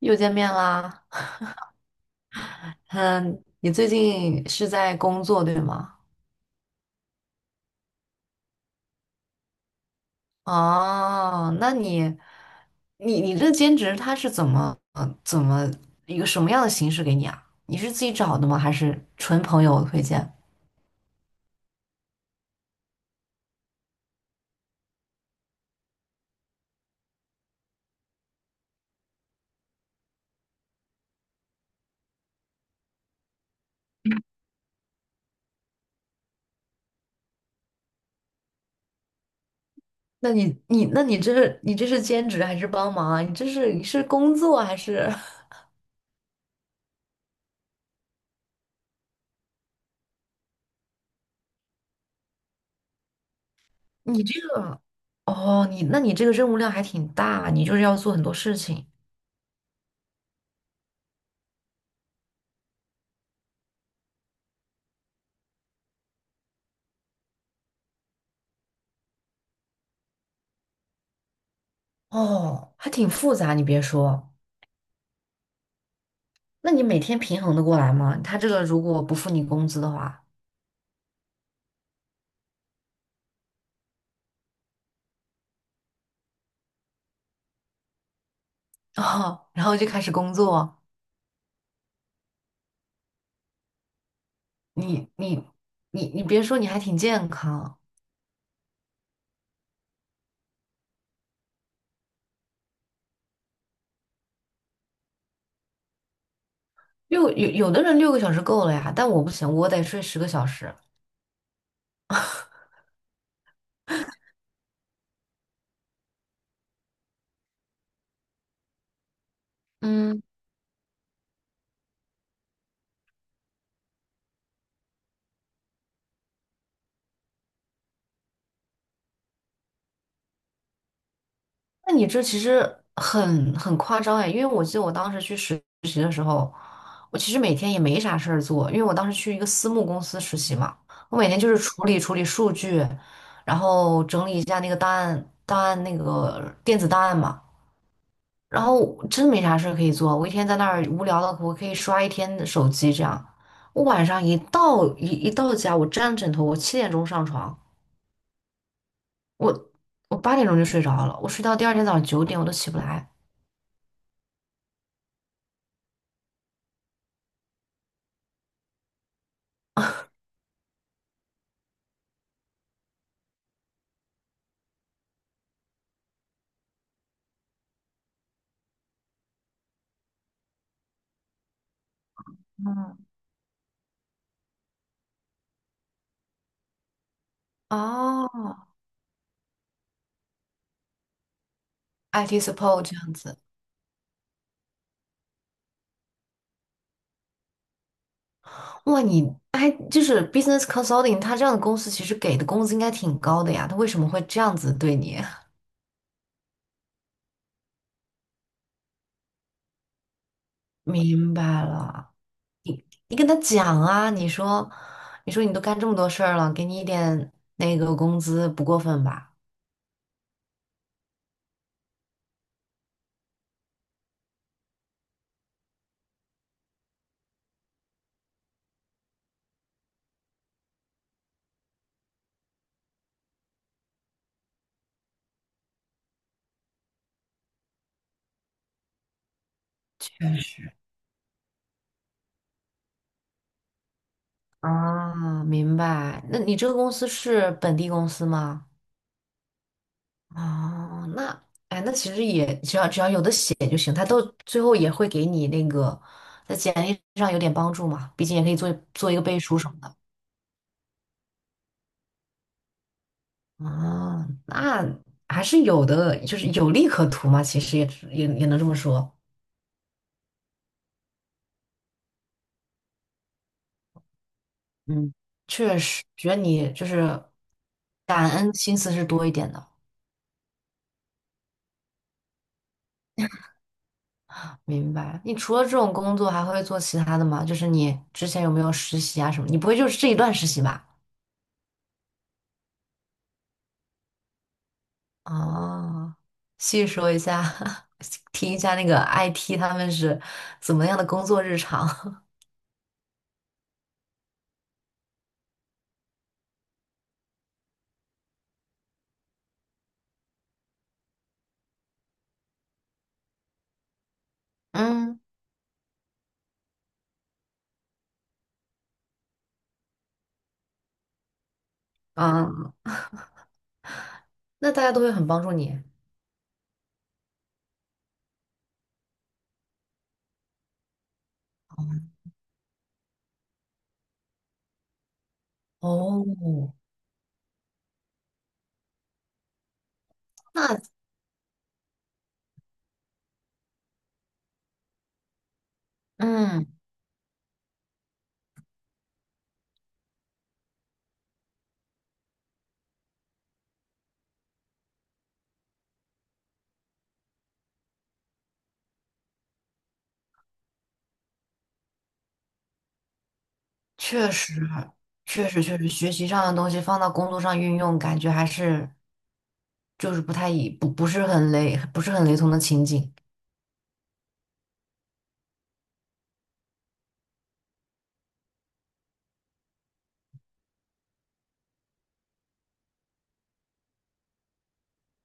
又见面啦。嗯，你最近是在工作对吗？哦，那你，你这兼职它是怎么怎么一个什么样的形式给你啊？你是自己找的吗？还是纯朋友推荐？那你这是兼职还是帮忙啊？你这是你是工作还是 你这个？哦，你那你这个任务量还挺大，你就是要做很多事情。哦，还挺复杂。你别说。那你每天平衡的过来吗？他这个如果不付你工资的话，哦，然后就开始工作。你你你别说，你还挺健康。六，有的人六个小时够了呀，但我不行，我得睡十个小时。嗯，那你这其实很夸张哎，因为我记得我当时去实习的时候，我其实每天也没啥事儿做，因为我当时去一个私募公司实习嘛，我每天就是处理数据，然后整理一下那个档案那个电子档案嘛。然后真没啥事儿可以做，我一天在那儿无聊的，我可以刷一天的手机这样。我晚上一到家，我沾枕头，我七点钟上床，我八点钟就睡着了，我睡到第二天早上九点我都起不来。哦， IT support 这样子。哇，你哎，就是 business consulting,他这样的公司其实给的工资应该挺高的呀，他为什么会这样子对你？明白了。你跟他讲啊，你说，你说你都干这么多事儿了，给你一点那个工资不过分吧？确实。啊，明白。那你这个公司是本地公司吗？哦，那哎，那其实也只要有的写就行，他都最后也会给你那个在简历上有点帮助嘛，毕竟也可以做做一个背书什么的。啊，那还是有的，就是有利可图嘛，其实也也能这么说。嗯。确实，觉得你就是感恩心思是多一点的。明白。你除了这种工作，还会做其他的吗？就是你之前有没有实习啊什么？你不会就是这一段实习吧？哦，细说一下，听一下那个 IT 他们是怎么样的工作日常。嗯嗯，那大家都会很帮助你。哦，那嗯，确实，确实学习上的东西放到工作上运用，感觉还是就是不太一不是很雷，不是很雷同的情景。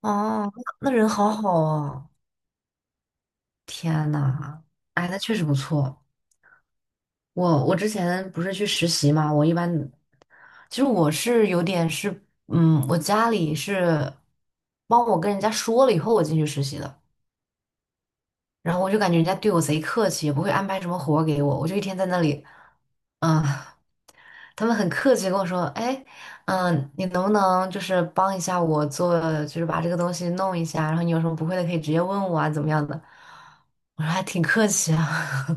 哦，那人好好啊。天呐，哎，那确实不错。我之前不是去实习嘛，我一般其实我是有点是，嗯，我家里是帮我跟人家说了以后我进去实习的，然后我就感觉人家对我贼客气，也不会安排什么活儿给我，我就一天在那里，嗯，他们很客气地跟我说，哎，嗯，你能不能就是帮一下我做，就是把这个东西弄一下，然后你有什么不会的可以直接问我啊，怎么样的？我说还挺客气啊。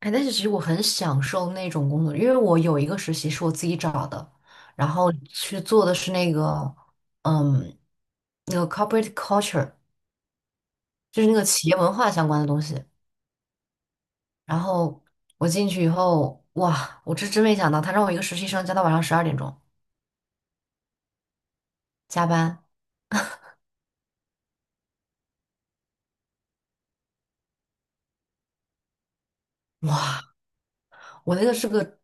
哎，但是其实我很享受那种工作，因为我有一个实习是我自己找的，然后去做的是那个，嗯，那个 corporate culture,就是那个企业文化相关的东西。然后我进去以后，哇，我这真没想到，他让我一个实习生加到晚上十二点钟加班。哇，我那个是个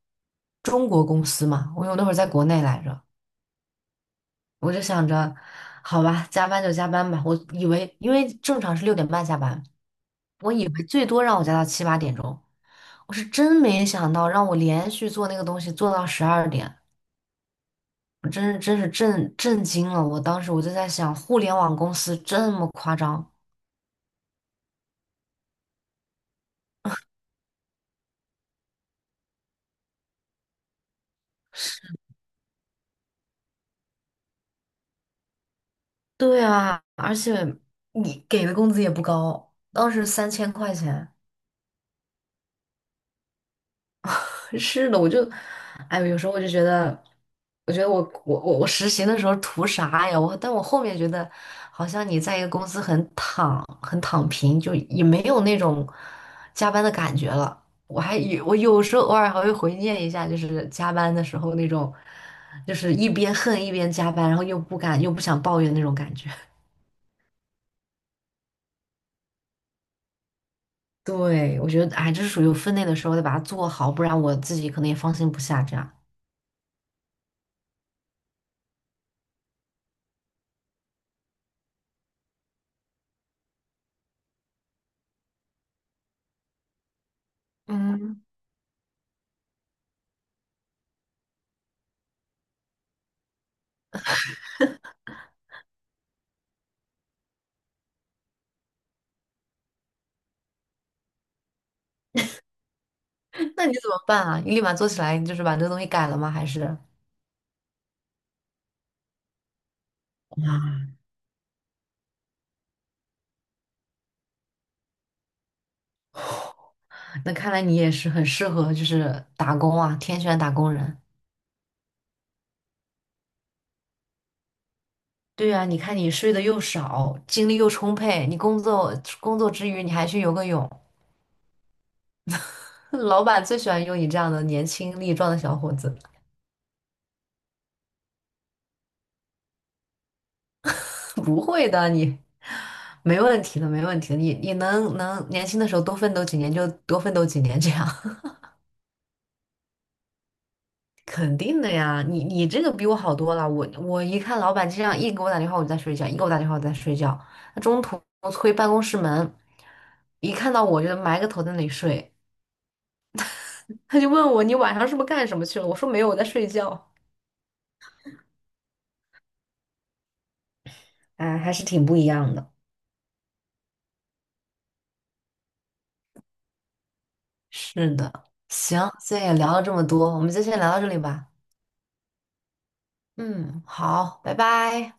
中国公司嘛，我有那会儿在国内来着，我就想着，好吧，加班就加班吧，我以为因为正常是六点半下班。我以为最多让我加到七八点钟，我是真没想到让我连续做那个东西做到十二点，我真是震惊了。我当时我就在想，互联网公司这么夸张？对啊，而且你给的工资也不高，当时三千块钱。是的，我就，哎，有时候我就觉得，我觉得我实习的时候图啥呀？我，但我后面觉得，好像你在一个公司很躺平，就也没有那种加班的感觉了。我还有我有时候偶尔还会回念一下，就是加班的时候那种，就是一边恨一边加班，然后又不敢又不想抱怨那种感觉。对，我觉得，哎，这是属于有分内的时候得把它做好，不然我自己可能也放心不下这样。嗯。那你怎么办啊？你立马做起来，你就是把这个东西改了吗？还是啊？那看来你也是很适合，就是打工啊，天选打工人。对啊，你看你睡得又少，精力又充沛，你工作之余你还去游个泳，老板最喜欢用你这样的年轻力壮的小伙子。不会的，你没问题的，没问题的，你年轻的时候多奋斗几年就多奋斗几年这样。肯定的呀，你你这个比我好多了。我一看老板这样，一给我打电话我就在睡觉，一给我打电话我在睡觉。他中途推办公室门，一看到我就埋个头在那里睡。他就问我你晚上是不是干什么去了？我说没有，我在睡觉。哎，还是挺不一样的。是的，行，今天也聊了这么多，我们就先聊到这里吧。嗯，好，拜拜。